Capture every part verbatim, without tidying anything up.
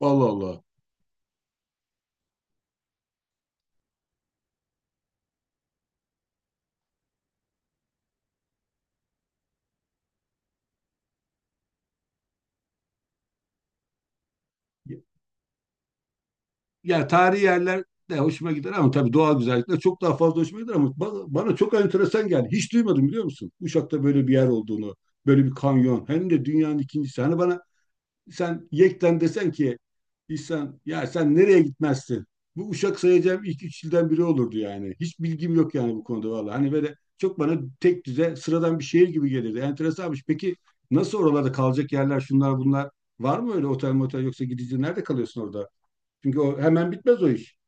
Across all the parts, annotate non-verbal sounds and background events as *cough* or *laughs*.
Allah Allah. Yani tarihi yerler de hoşuma gider ama tabii doğal güzellikler çok daha fazla hoşuma gider ama ba- bana çok enteresan geldi. Hiç duymadım biliyor musun? Uşak'ta böyle bir yer olduğunu, böyle bir kanyon. Hem de dünyanın ikincisi. Hani bana sen yekten desen ki İhsan ya sen nereye gitmezsin? Bu Uşak sayacağım ilk üç ilden biri olurdu yani. Hiç bilgim yok yani bu konuda vallahi. Hani böyle çok bana tek düze sıradan bir şehir gibi gelirdi. Enteresanmış. Peki nasıl oralarda kalacak yerler şunlar bunlar? Var mı öyle otel motel yoksa gidici nerede kalıyorsun orada? Çünkü o hemen bitmez o iş.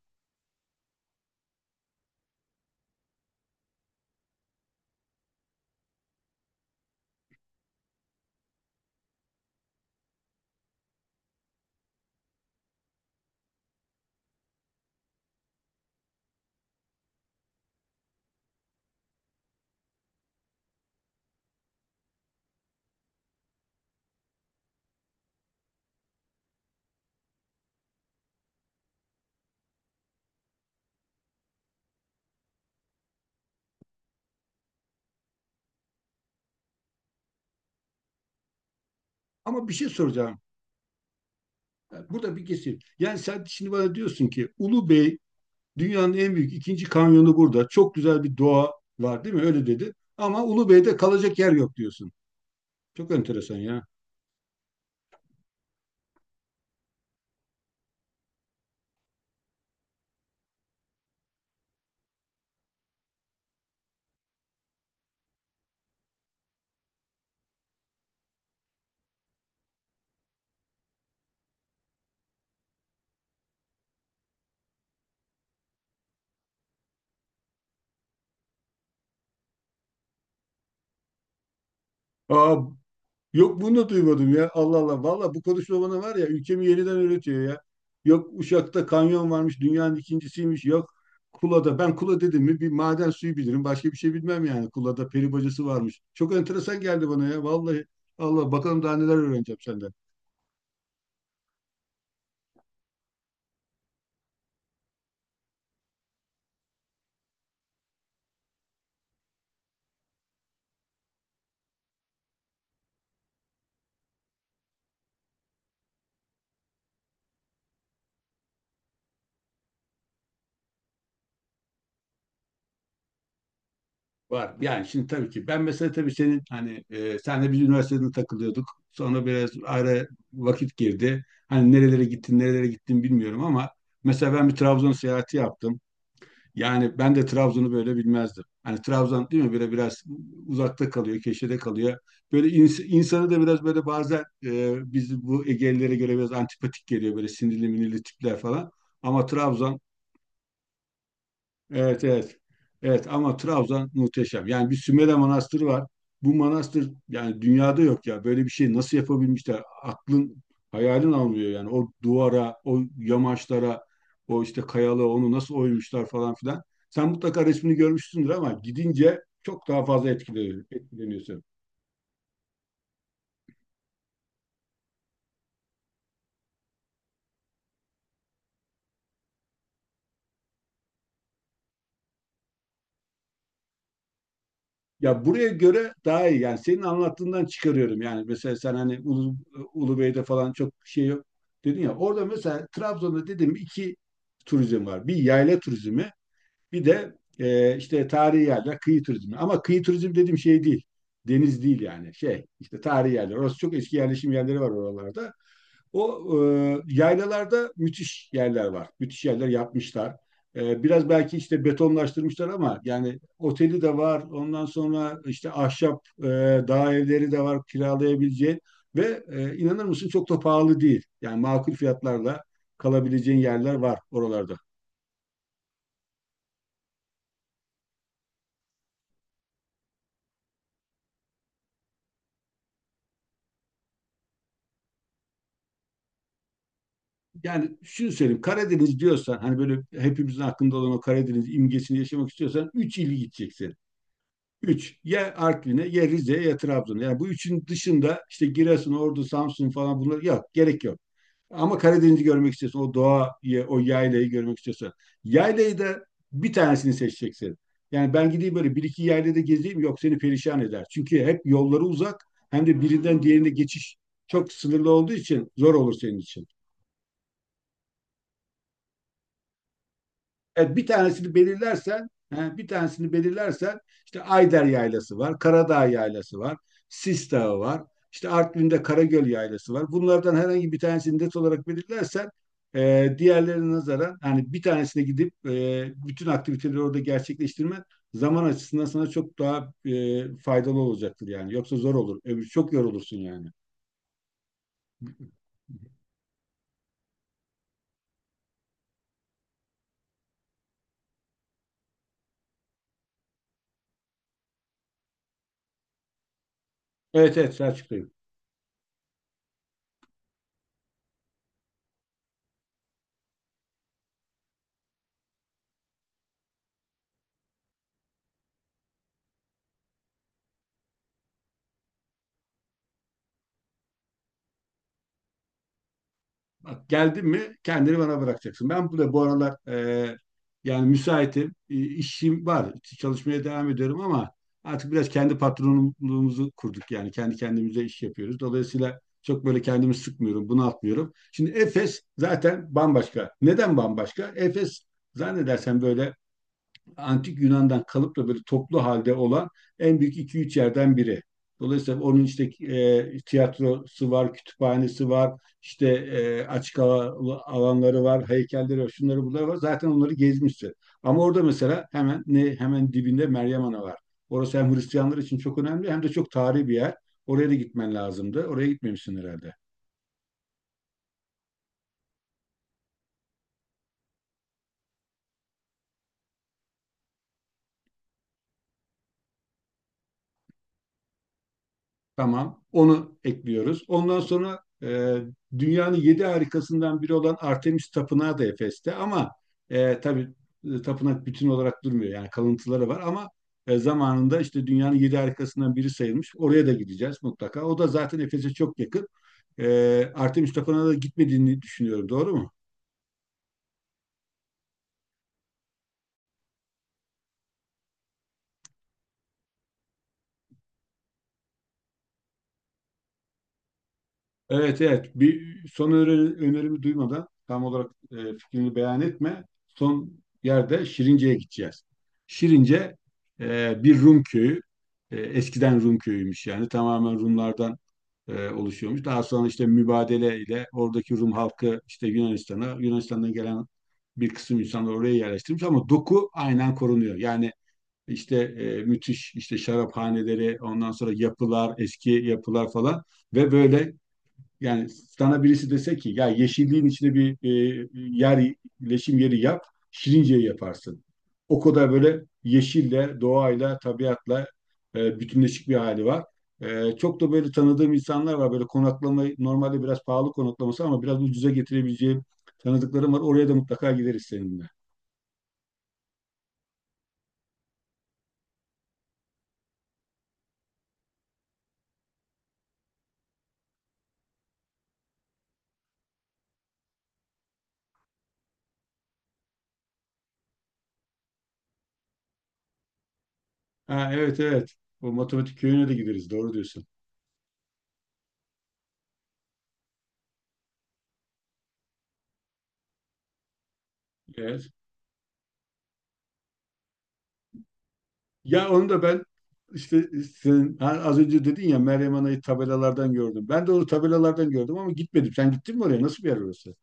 Ama bir şey soracağım. Yani burada bir kesim. Yani sen şimdi bana diyorsun ki Ulu Bey dünyanın en büyük ikinci kanyonu burada. Çok güzel bir doğa var değil mi? Öyle dedi. Ama Ulu Bey'de kalacak yer yok diyorsun. Çok enteresan ya. Aa, yok bunu da duymadım ya. Allah Allah. Valla bu konuşma bana var ya ülkemi yeniden öğretiyor ya. Yok Uşak'ta kanyon varmış dünyanın ikincisiymiş. Yok Kula'da. Ben Kula dedim mi bir maden suyu bilirim. Başka bir şey bilmem yani. Kula'da peri bacası varmış. Çok enteresan geldi bana ya. Vallahi Allah bakalım daha neler öğreneceğim senden. Var. Yani şimdi tabii ki ben mesela tabii senin hani e, senle biz üniversitede takılıyorduk. Sonra biraz ara vakit girdi. Hani nerelere gittin, nerelere gittin bilmiyorum ama mesela ben bir Trabzon seyahati yaptım. Yani ben de Trabzon'u böyle bilmezdim. Hani Trabzon değil mi böyle biraz uzakta kalıyor, köşede kalıyor. Böyle ins- insanı da biraz böyle bazen e, biz bu Egelilere göre biraz antipatik geliyor böyle sinirli minirli tipler falan. Ama Trabzon evet, evet. Evet ama Trabzon muhteşem. Yani bir Sümele Manastırı var. Bu manastır yani dünyada yok ya. Böyle bir şey nasıl yapabilmişler? Aklın hayalin almıyor yani. O duvara, o yamaçlara, o işte kayalığa onu nasıl oymuşlar falan filan. Sen mutlaka resmini görmüşsündür ama gidince çok daha fazla etkileniyor, etkileniyorsun. Ya buraya göre daha iyi. Yani senin anlattığından çıkarıyorum. Yani mesela sen hani Ulu, Ulubey'de falan çok şey yok dedin ya. Orada mesela Trabzon'da dedim iki turizm var. Bir yayla turizmi, bir de e, işte tarihi yerler, kıyı turizmi. Ama kıyı turizmi dediğim şey değil. Deniz değil yani. Şey işte tarihi yerler. Orası çok eski yerleşim yerleri var oralarda. O e, yaylalarda müthiş yerler var. Müthiş yerler yapmışlar. E, biraz belki işte betonlaştırmışlar ama yani oteli de var. Ondan sonra işte ahşap e, dağ evleri de var kiralayabileceğin. Ve e, inanır mısın çok da pahalı değil. Yani makul fiyatlarla kalabileceğin yerler var oralarda. Yani şunu söyleyeyim Karadeniz diyorsan hani böyle hepimizin aklında olan o Karadeniz imgesini yaşamak istiyorsan üç il gideceksin. Üç, ya Artvin'e, ya Rize'ye, ya Trabzon'a. Yani bu üçün dışında işte Giresun, Ordu, Samsun falan bunlar yok. Gerek yok. Ama Karadeniz'i görmek istiyorsan, o doğayı, o yaylayı görmek istiyorsan. Yaylayı da bir tanesini seçeceksin. Yani ben gideyim böyle bir iki yaylada gezeyim yok seni perişan eder. Çünkü hep yolları uzak hem de birinden diğerine geçiş çok sınırlı olduğu için zor olur senin için. Evet, bir tanesini belirlersen, he, bir tanesini belirlersen işte Ayder Yaylası var, Karadağ Yaylası var, Sis Dağı var, işte Artvin'de Karagöl Yaylası var. Bunlardan herhangi bir tanesini net olarak belirlersen e, diğerlerine nazaran hani bir tanesine gidip e, bütün aktiviteleri orada gerçekleştirmen zaman açısından sana çok daha e, faydalı olacaktır yani. Yoksa zor olur. Öbür çok yorulursun yani. Evet evet Selçuk'tayım. Bak geldin mi kendini bana bırakacaksın. Ben burada bu aralar e, yani müsaitim. E, işim var. Çalışmaya devam ediyorum ama artık biraz kendi patronluğumuzu kurduk. Yani kendi kendimize iş yapıyoruz. Dolayısıyla çok böyle kendimi sıkmıyorum, bunaltmıyorum. Şimdi Efes zaten bambaşka. Neden bambaşka? Efes zannedersem böyle Antik Yunan'dan kalıp da böyle toplu halde olan en büyük iki üç yerden biri. Dolayısıyla onun işte e, tiyatrosu var, kütüphanesi var, işte e, açık hava alanları var, heykelleri var, şunları bunları var. Zaten onları gezmiştir. Ama orada mesela hemen ne hemen dibinde Meryem Ana var. Orası hem Hristiyanlar için çok önemli hem de çok tarihi bir yer. Oraya da gitmen lazımdı. Oraya gitmemişsin herhalde. Tamam. Onu ekliyoruz. Ondan sonra e, dünyanın yedi harikasından biri olan Artemis Tapınağı da Efes'te ama e, tabii e, tapınak bütün olarak durmuyor. Yani kalıntıları var ama e, zamanında işte dünyanın yedi harikasından biri sayılmış. Oraya da gideceğiz mutlaka. O da zaten Efes'e çok yakın. E, Artemis Tapınağı'na da gitmediğini düşünüyorum. Doğru mu? Evet evet bir son öneri- önerimi duymadan tam olarak e, fikrini beyan etme. Son yerde Şirince'ye gideceğiz. Şirince e, bir Rum köyü. E, eskiden Rum köyüymüş yani tamamen Rumlardan e, oluşuyormuş. Daha sonra işte mübadele ile oradaki Rum halkı işte Yunanistan'a, Yunanistan'dan gelen bir kısım insanlar oraya yerleştirmiş ama doku aynen korunuyor. Yani işte e, müthiş işte şaraphaneleri, ondan sonra yapılar, eski yapılar falan ve böyle yani sana birisi dese ki ya yeşilliğin içine bir e, yer, leşim yeri yap, Şirince'yi yaparsın. O kadar böyle yeşille, doğayla, tabiatla e, bütünleşik bir hali var. E, çok da böyle tanıdığım insanlar var. Böyle konaklamayı normalde biraz pahalı konaklaması ama biraz ucuza getirebileceğim tanıdıklarım var. Oraya da mutlaka gideriz seninle. Ha, evet evet. O matematik köyüne de gideriz. Doğru diyorsun. Evet. Ya onu da ben işte sen ha, az önce dedin ya Meryem Ana'yı tabelalardan gördüm. Ben de onu tabelalardan gördüm ama gitmedim. Sen gittin mi oraya? Nasıl bir yer orası?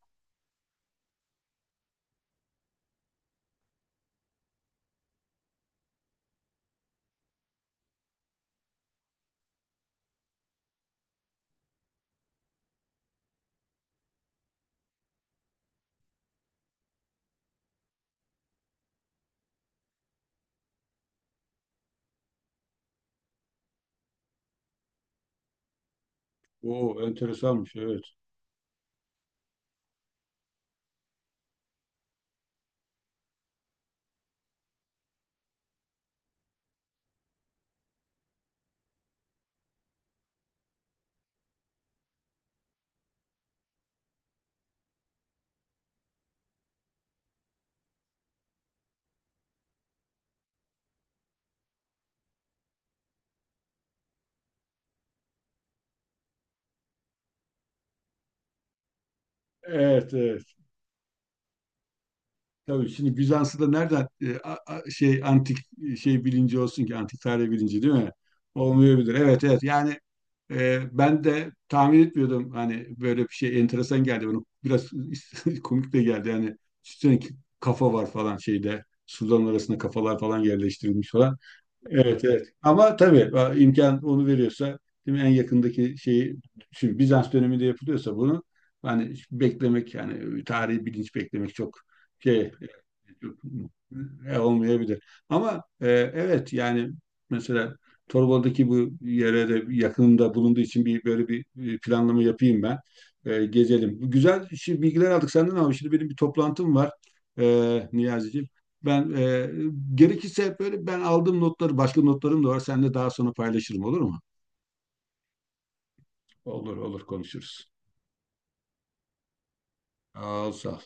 Oo enteresanmış evet. Evet evet. Tabii şimdi Bizans'ı da nereden e, a- a- şey antik e, şey bilinci olsun ki antik tarih bilinci değil mi? Olmayabilir. Evet evet yani e, ben de tahmin etmiyordum hani böyle bir şey enteresan geldi bana biraz *laughs* komik de geldi yani üstüne kafa var falan şeyde suların arasında kafalar falan yerleştirilmiş falan. Evet evet ama tabii a, imkan onu veriyorsa değil mi? En yakındaki şeyi şimdi Bizans döneminde yapılıyorsa bunu hani beklemek yani tarihi bilinç beklemek çok şey e, olmayabilir. Ama e, evet yani mesela Torbalı'daki bu yere de yakınımda bulunduğu için bir böyle bir bir planlama yapayım ben. E, gezelim. Bu güzel şi- bilgiler aldık senden ama şimdi benim bir toplantım var e, Niyazi'ciğim. Ben e, gerekirse böyle ben aldığım notları başka notlarım da var. Seninle daha sonra paylaşırım olur mu? Olur olur konuşuruz. Sağ ol, sağ ol.